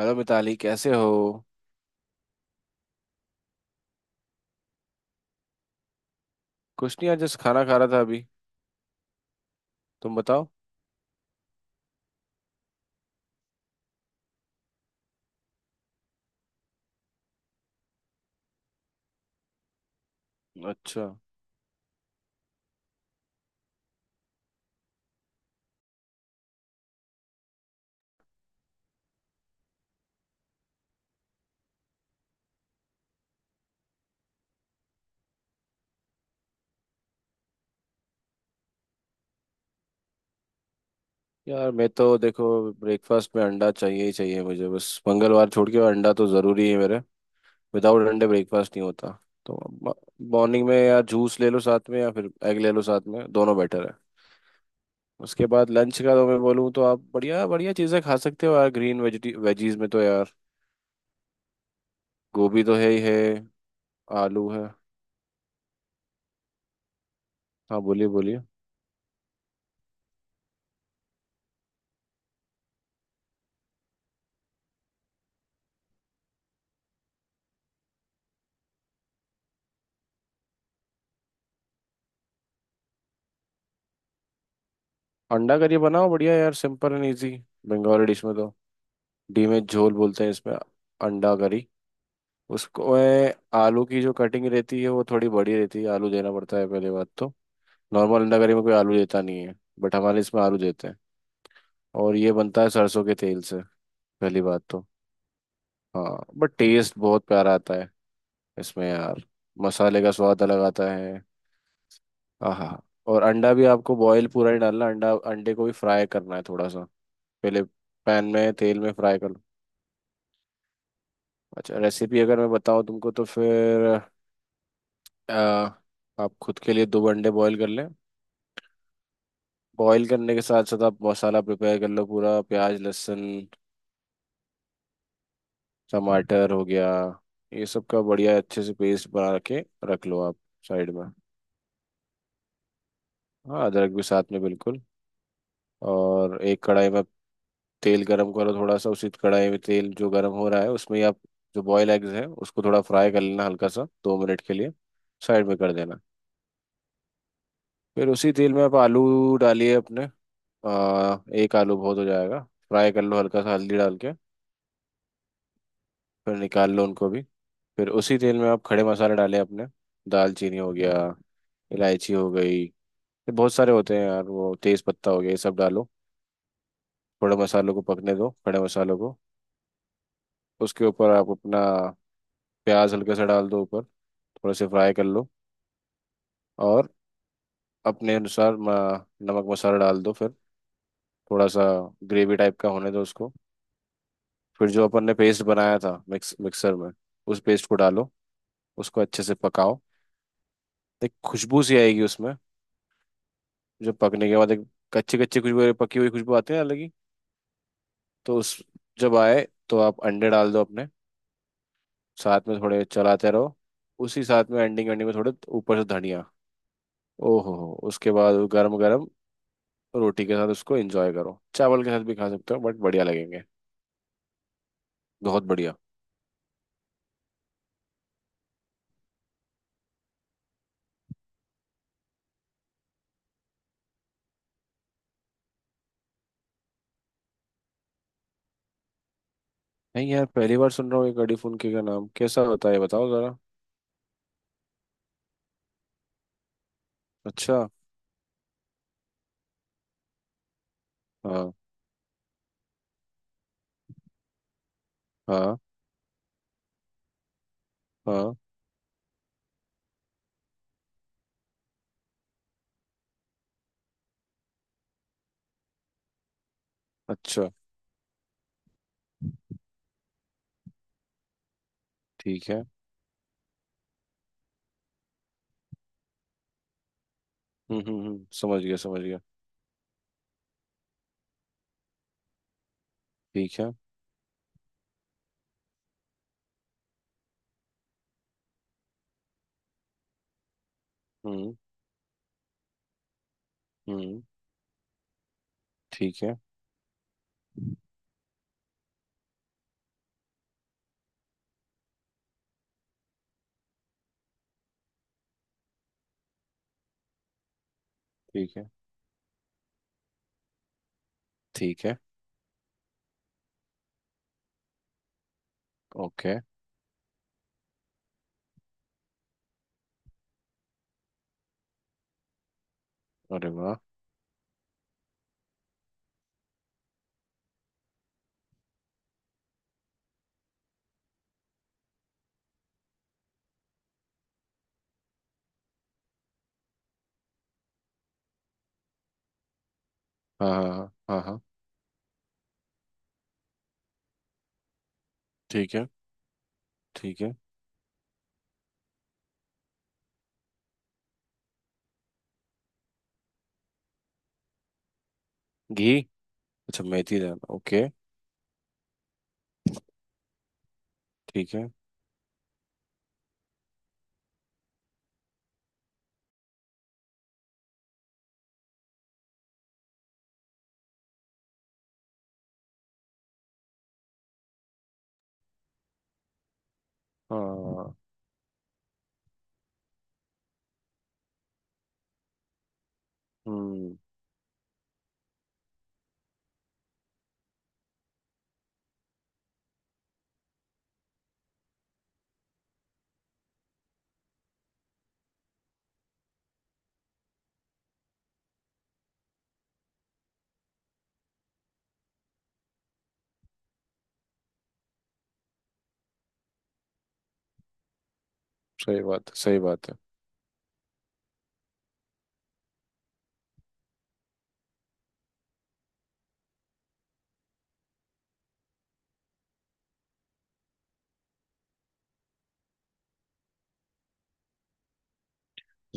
Hello Mitali. कैसे हो? कुछ नहीं यार, जस्ट खाना खा रहा था अभी। तुम बताओ। अच्छा। यार मैं तो देखो ब्रेकफास्ट में अंडा चाहिए ही चाहिए मुझे, बस मंगलवार छोड़ के। अंडा तो ज़रूरी है मेरे, विदाउट अंडे ब्रेकफास्ट नहीं होता। तो मॉर्निंग में यार जूस ले लो साथ में, या फिर एग ले लो साथ में। दोनों बेटर है। उसके बाद लंच का तो मैं बोलूँ तो आप बढ़िया बढ़िया चीज़ें खा सकते हो यार। ग्रीन वेजिटी वेजीज में तो यार गोभी तो है ही है, आलू है। हाँ बोलिए बोलिए। अंडा करी बनाओ, बढ़िया यार, simple and easy. Bengali dish में तो डी में झोल बोलते हैं इसमें, अंडा करी। उसको आलू की जो कटिंग रहती है वो थोड़ी बड़ी रहती है। आलू देना पड़ता है पहली बात तो। नॉर्मल अंडा करी में कोई आलू देता नहीं है, बट हमारे इसमें आलू देते हैं। और ये बनता है सरसों के तेल से, पहली बात तो। हाँ बट टेस्ट बहुत प्यारा आता है इसमें यार। मसाले का स्वाद अलग आता है। हाँ। और अंडा भी आपको बॉयल पूरा ही डालना। अंडा, अंडे को भी फ्राई करना है थोड़ा सा पहले, पैन में तेल में फ्राई कर लो। अच्छा रेसिपी अगर मैं बताऊँ तुमको तो फिर, अ, आप खुद के लिए दो अंडे बॉईल कर लें। बॉईल करने के साथ साथ आप मसाला प्रिपेयर कर लो पूरा। प्याज, लहसुन, टमाटर हो गया, ये सब का बढ़िया अच्छे से पेस्ट बना के रख लो आप साइड में। हाँ, अदरक भी साथ में, बिल्कुल। और एक कढ़ाई में तेल गरम करो थोड़ा सा। उसी कढ़ाई में तेल जो गरम हो रहा है उसमें ही आप जो बॉयल एग्स हैं उसको थोड़ा फ्राई कर लेना, हल्का सा दो मिनट के लिए। साइड में कर देना। फिर उसी तेल में आप आलू डालिए अपने। एक आलू बहुत हो जाएगा। फ्राई कर लो हल्का सा हल्दी डाल के। फिर निकाल लो उनको भी। फिर उसी तेल में आप खड़े मसाले डालें अपने। दालचीनी हो गया, इलायची हो गई, ये बहुत सारे होते हैं यार, वो तेज पत्ता हो गया, ये सब डालो। थोड़े मसालों को पकने दो, खड़े मसालों को। उसके ऊपर आप अपना प्याज हल्के से डाल दो ऊपर, थोड़ा से फ्राई कर लो। और अपने अनुसार नमक मसाला डाल दो फिर, थोड़ा सा ग्रेवी टाइप का होने दो उसको। फिर जो अपन ने पेस्ट बनाया था मिक्स मिक्सर में, उस पेस्ट को डालो। उसको अच्छे से पकाओ। एक खुशबू सी आएगी उसमें, जो पकने के बाद एक कच्ची कच्ची खुशबू, पकी हुई खुशबू आती है ना अलग ही। तो उस, जब आए तो आप अंडे डाल दो अपने साथ में, थोड़े चलाते रहो। उसी साथ में एंडिंग एंडिंग में थोड़े ऊपर से धनिया। ओहो हो, उसके बाद वो गरम गरम रोटी के साथ उसको एंजॉय करो। चावल के साथ भी खा सकते हो बट बढ़िया लगेंगे। बहुत बढ़िया। नहीं यार पहली बार सुन रहा हूँ ये, कड़ी फुल्की का नाम कैसा होता है ये बताओ जरा। अच्छा। हाँ हाँ हाँ। अच्छा। ठीक है। हम्म, समझ गया समझ गया। ठीक है। हम्म हम्म। ठीक है। ठीक है। ठीक है। ओके। अरे वाह। हाँ हाँ हाँ हाँ हाँ। ठीक है। ठीक है। घी। अच्छा मेथी दाल, ओके। ठीक है। हाँ। हम्म। सही बात है सही बात है।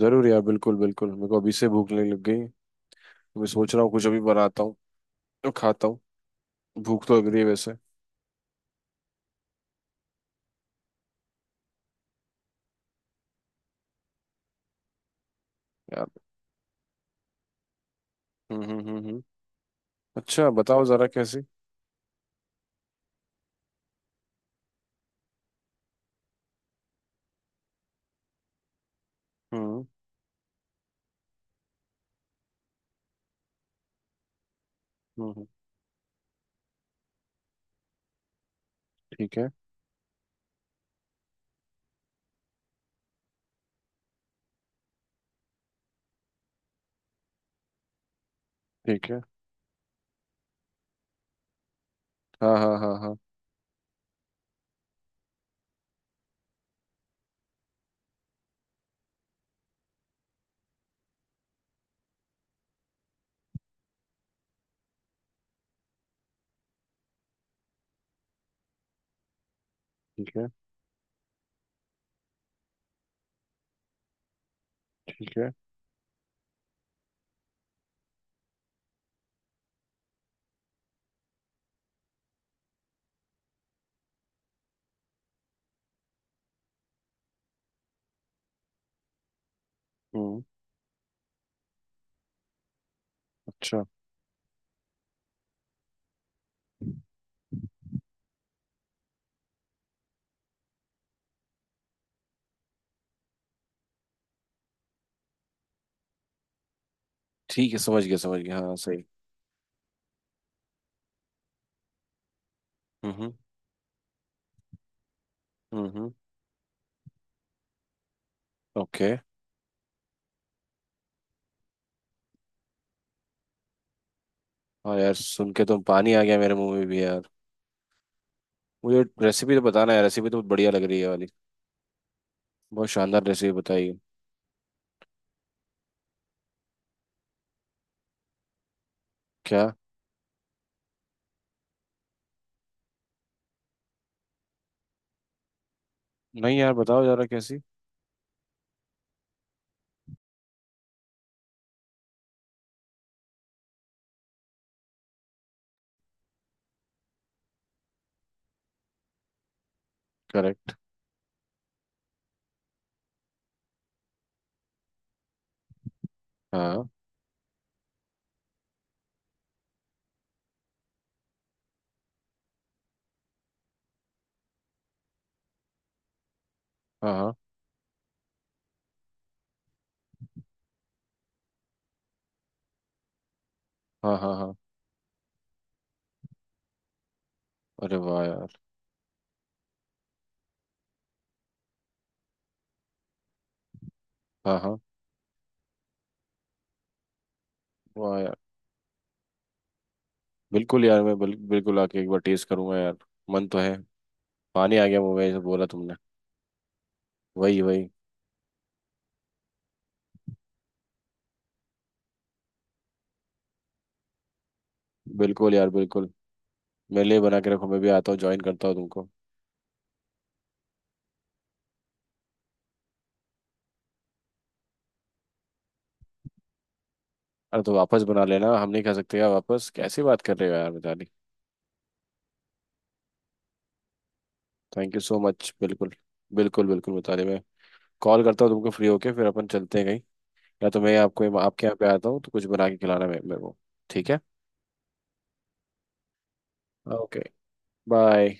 जरूर यार, बिल्कुल बिल्कुल, मेरे को अभी से भूख लगने लग गई। मैं सोच रहा हूँ कुछ अभी बनाता हूँ तो खाता हूँ। भूख तो लग रही है वैसे। यार। हम्म हम्म हम्म हम्म। अच्छा बताओ जरा कैसी। हम्म हम्म। ठीक है। ठीक है। हाँ हाँ हाँ हाँ। ठीक है। ठीक है। हम्म। अच्छा। ठीक है, समझ गया समझ गया, हाँ सही। हम्म हम्म। ओके। हाँ यार सुन के तो पानी आ गया मेरे मुंह में भी यार। मुझे रेसिपी तो बताना यार, रेसिपी तो बहुत बढ़िया लग रही है ये वाली। बहुत शानदार रेसिपी बताई है। क्या? नहीं यार बताओ जरा कैसी। करेक्ट। हाँ हाँ हाँ हाँ हाँ हाँ। अरे वाह यार। हाँ हाँ। वाह यार। बिल्कुल यार मैं बिल्कुल आके एक बार टेस्ट करूंगा यार। मन तो है। पानी आ गया मुंह में ये सब बोला तुमने। वही वही। बिल्कुल यार बिल्कुल। मेरे लिए बना के रखो, मैं भी आता हूँ ज्वाइन करता हूँ तुमको। अरे तो वापस बना लेना, हम नहीं खा सकते यार? वापस कैसी बात कर रहे हो यार Mitali. Thank you so much. बिल्कुल बिल्कुल बिल्कुल मिताली। मैं कॉल करता हूँ तुमको फ्री होके, फिर अपन चलते हैं कहीं। या तो मैं आपको आपके यहाँ पे आता हूँ तो कुछ बना के खिलाना मेरे मेरे को। ठीक है। ओके। बाय।